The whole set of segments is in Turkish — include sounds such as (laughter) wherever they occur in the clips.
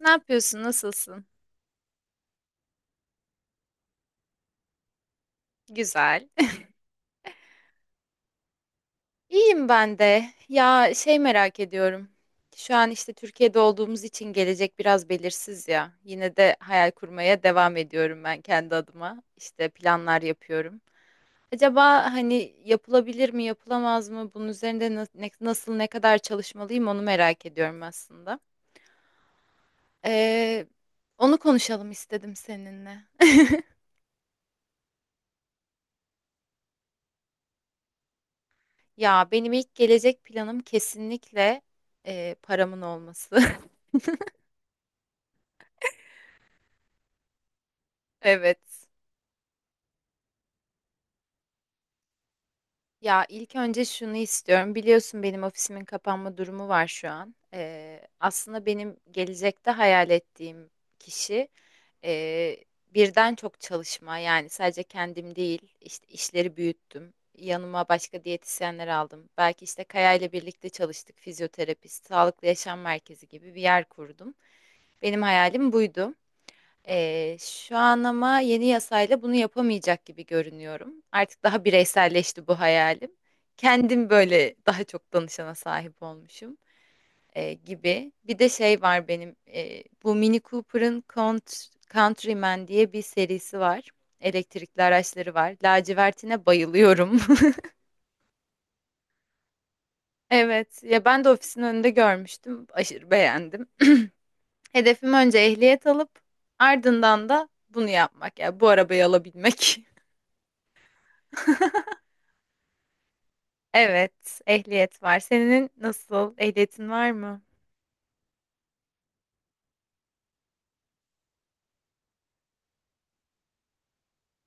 Ne yapıyorsun? Nasılsın? Güzel. (laughs) İyiyim ben de. Ya merak ediyorum. Şu an işte Türkiye'de olduğumuz için gelecek biraz belirsiz ya. Yine de hayal kurmaya devam ediyorum ben kendi adıma. İşte planlar yapıyorum. Acaba hani yapılabilir mi, yapılamaz mı? Bunun üzerinde nasıl, ne kadar çalışmalıyım onu merak ediyorum aslında. Ee, Onu konuşalım istedim seninle. Ya benim ilk gelecek planım kesinlikle paramın olması. (laughs) Evet. Ya ilk önce şunu istiyorum. Biliyorsun benim ofisimin kapanma durumu var şu an. Aslında benim gelecekte hayal ettiğim kişi e, birden çok çalışma. Yani sadece kendim değil, işte işleri büyüttüm. Yanıma başka diyetisyenler aldım. Belki işte Kaya ile birlikte çalıştık. Fizyoterapist, sağlıklı yaşam merkezi gibi bir yer kurdum. Benim hayalim buydu. Şu an ama yeni yasayla bunu yapamayacak gibi görünüyorum. Artık daha bireyselleşti bu hayalim. Kendim böyle daha çok danışana sahip olmuşum gibi. Bir de şey var benim bu Mini Cooper'ın Countryman diye bir serisi var. Elektrikli araçları var. Lacivertine bayılıyorum. (laughs) Evet, ya ben de ofisin önünde görmüştüm. Aşırı beğendim. (clears throat) Hedefim önce ehliyet alıp ardından da bunu yapmak. Yani bu arabayı alabilmek. (laughs) Evet, ehliyet var. Senin nasıl? Ehliyetin var mı?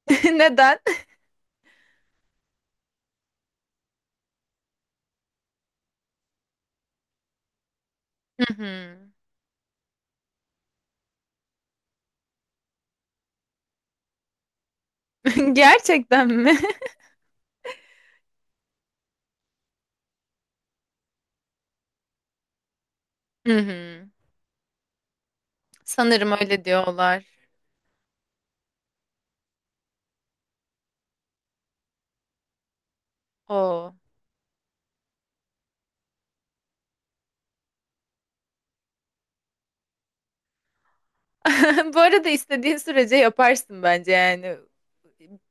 (laughs) Neden? Hı hı. (laughs) Gerçekten mi? Hı hı. Sanırım öyle diyorlar. Oo. (laughs) Bu arada istediğin sürece yaparsın bence yani.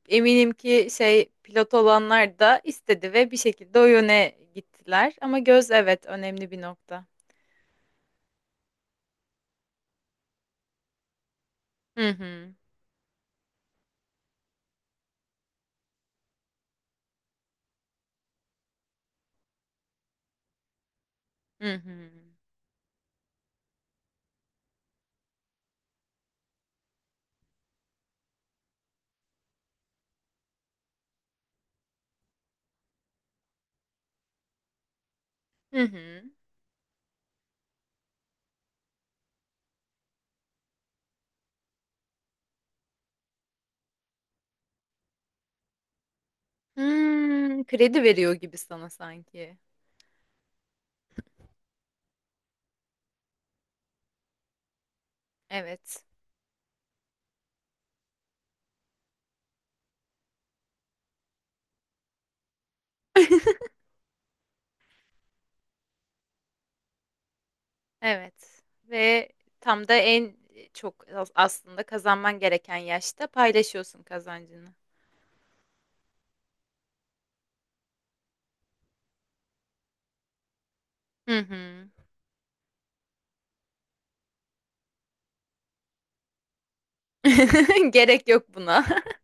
Eminim ki şey pilot olanlar da istedi ve bir şekilde o yöne gittiler. Ama göz evet önemli bir nokta. Hı hı. Hı hı. Hı hı. Hmm, kredi veriyor gibi sana sanki. Evet. (laughs) Evet ve tam da en çok aslında kazanman gereken yaşta paylaşıyorsun kazancını. Hı hı. (laughs) Gerek yok buna. (laughs)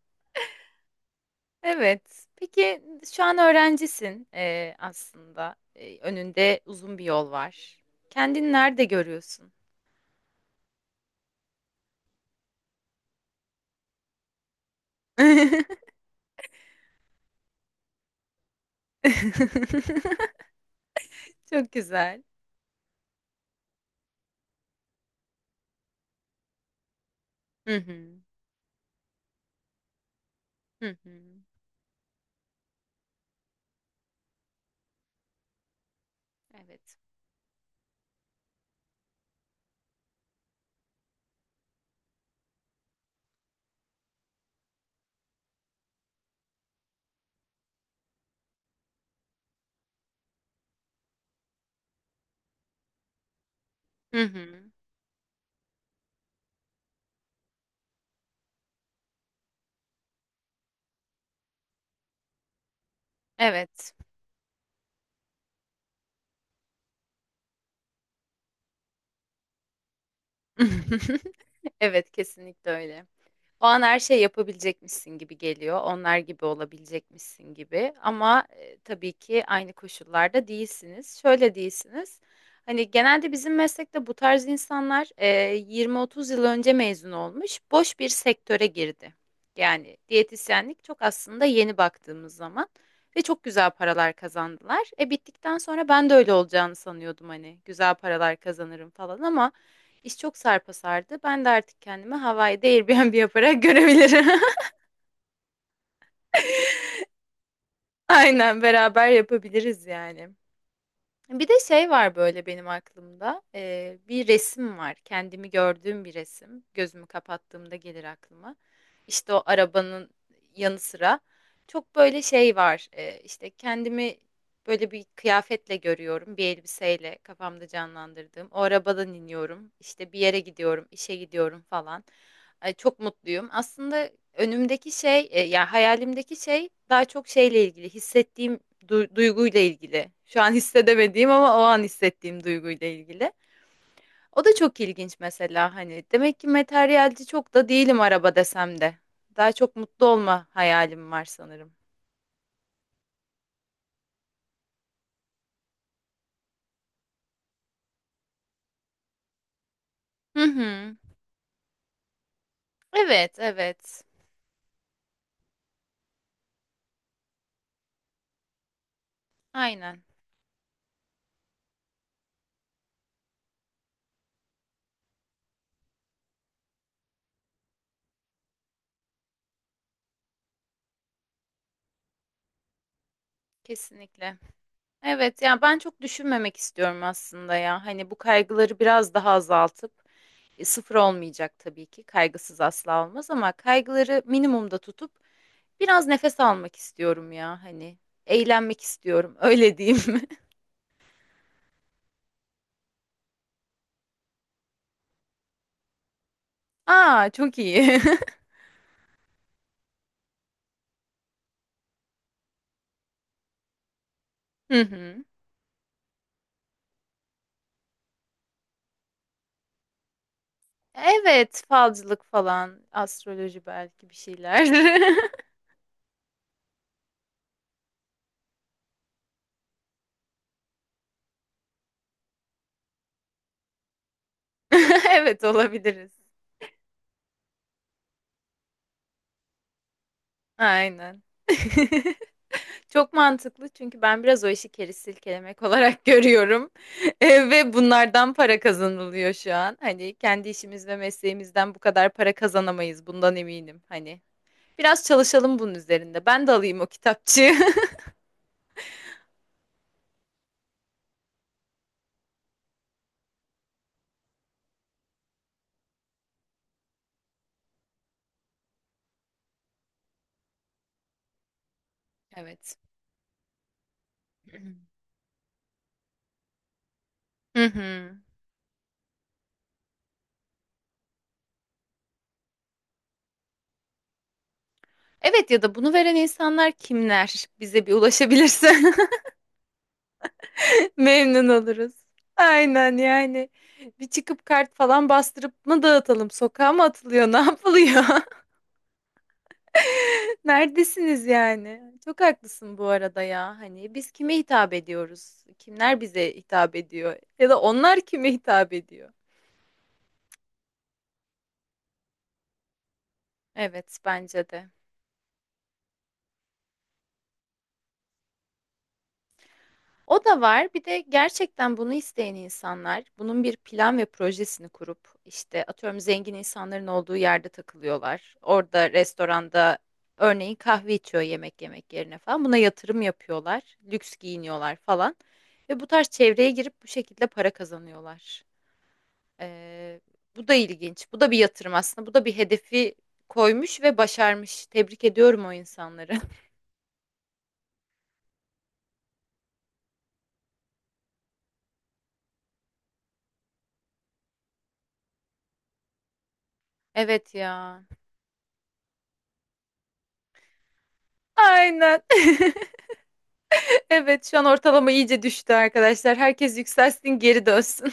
Evet. Peki şu an öğrencisin aslında. Önünde uzun bir yol var. Kendini nerede görüyorsun? (laughs) Çok güzel. Hı hı. Hı hı. Evet. Hı hı. Evet. (laughs) Evet, kesinlikle öyle. O an her şey yapabilecekmişsin gibi geliyor. Onlar gibi olabilecekmişsin gibi. Ama tabii ki aynı koşullarda değilsiniz. Şöyle değilsiniz. Hani genelde bizim meslekte bu tarz insanlar 20-30 yıl önce mezun olmuş, boş bir sektöre girdi. Yani diyetisyenlik çok aslında yeni baktığımız zaman ve çok güzel paralar kazandılar. E bittikten sonra ben de öyle olacağını sanıyordum hani güzel paralar kazanırım falan ama. İş çok sarpa sardı. Ben de artık kendimi Hawaii'de Airbnb yaparak görebilirim. (laughs) Aynen beraber yapabiliriz yani. Bir de şey var böyle benim aklımda. Bir resim var. Kendimi gördüğüm bir resim. Gözümü kapattığımda gelir aklıma. İşte o arabanın yanı sıra çok böyle şey var. İşte kendimi böyle bir kıyafetle görüyorum. Bir elbiseyle kafamda canlandırdığım. O arabadan iniyorum. İşte bir yere gidiyorum, işe gidiyorum falan. Ay, çok mutluyum. Aslında önümdeki şey, yani hayalimdeki şey daha çok şeyle ilgili, hissettiğim duyguyla ilgili. Şu an (laughs) hissedemediğim ama o an hissettiğim duyguyla ilgili. O da çok ilginç mesela hani demek ki materyalci çok da değilim araba desem de. Daha çok mutlu olma hayalim var sanırım. Hı hı. Evet, evet. Aynen. Kesinlikle. Evet yani ben çok düşünmemek istiyorum aslında ya. Hani bu kaygıları biraz daha azaltıp sıfır olmayacak tabii ki. Kaygısız asla olmaz ama kaygıları minimumda tutup biraz nefes almak istiyorum ya hani. Eğlenmek istiyorum öyle diyeyim (laughs) mi? Aa çok iyi. (laughs) Hı hı. Evet falcılık falan, astroloji belki bir şeyler. (laughs) Evet olabiliriz. Aynen. (laughs) Çok mantıklı çünkü ben biraz o işi keri silkelemek olarak (laughs) görüyorum. Ve bunlardan para kazanılıyor şu an. Hani kendi işimiz ve mesleğimizden bu kadar para kazanamayız bundan eminim. Hani biraz çalışalım bunun üzerinde. Ben de alayım o kitapçığı. (laughs) Evet. (clears throat) Hı hı. Evet ya da bunu veren insanlar kimler? Bize bir ulaşabilirse (laughs) memnun oluruz. Aynen yani. Bir çıkıp kart falan bastırıp mı dağıtalım? Sokağa mı atılıyor? (laughs) Ne yapılıyor? Neredesiniz yani? Çok haklısın bu arada ya. Hani biz kime hitap ediyoruz? Kimler bize hitap ediyor? Ya da onlar kime hitap ediyor? Evet, bence de. O da var. Bir de gerçekten bunu isteyen insanlar bunun bir plan ve projesini kurup işte atıyorum zengin insanların olduğu yerde takılıyorlar. Orada restoranda örneğin kahve içiyor yemek yemek yerine falan. Buna yatırım yapıyorlar. Lüks giyiniyorlar falan. Ve bu tarz çevreye girip bu şekilde para kazanıyorlar. Ee, Bu da ilginç. Bu da bir yatırım aslında. Bu da bir hedefi koymuş ve başarmış. Tebrik ediyorum o insanları. (laughs) Evet ya. Aynen. (laughs) Evet şu an ortalama iyice düştü arkadaşlar. Herkes yükselsin geri dönsün.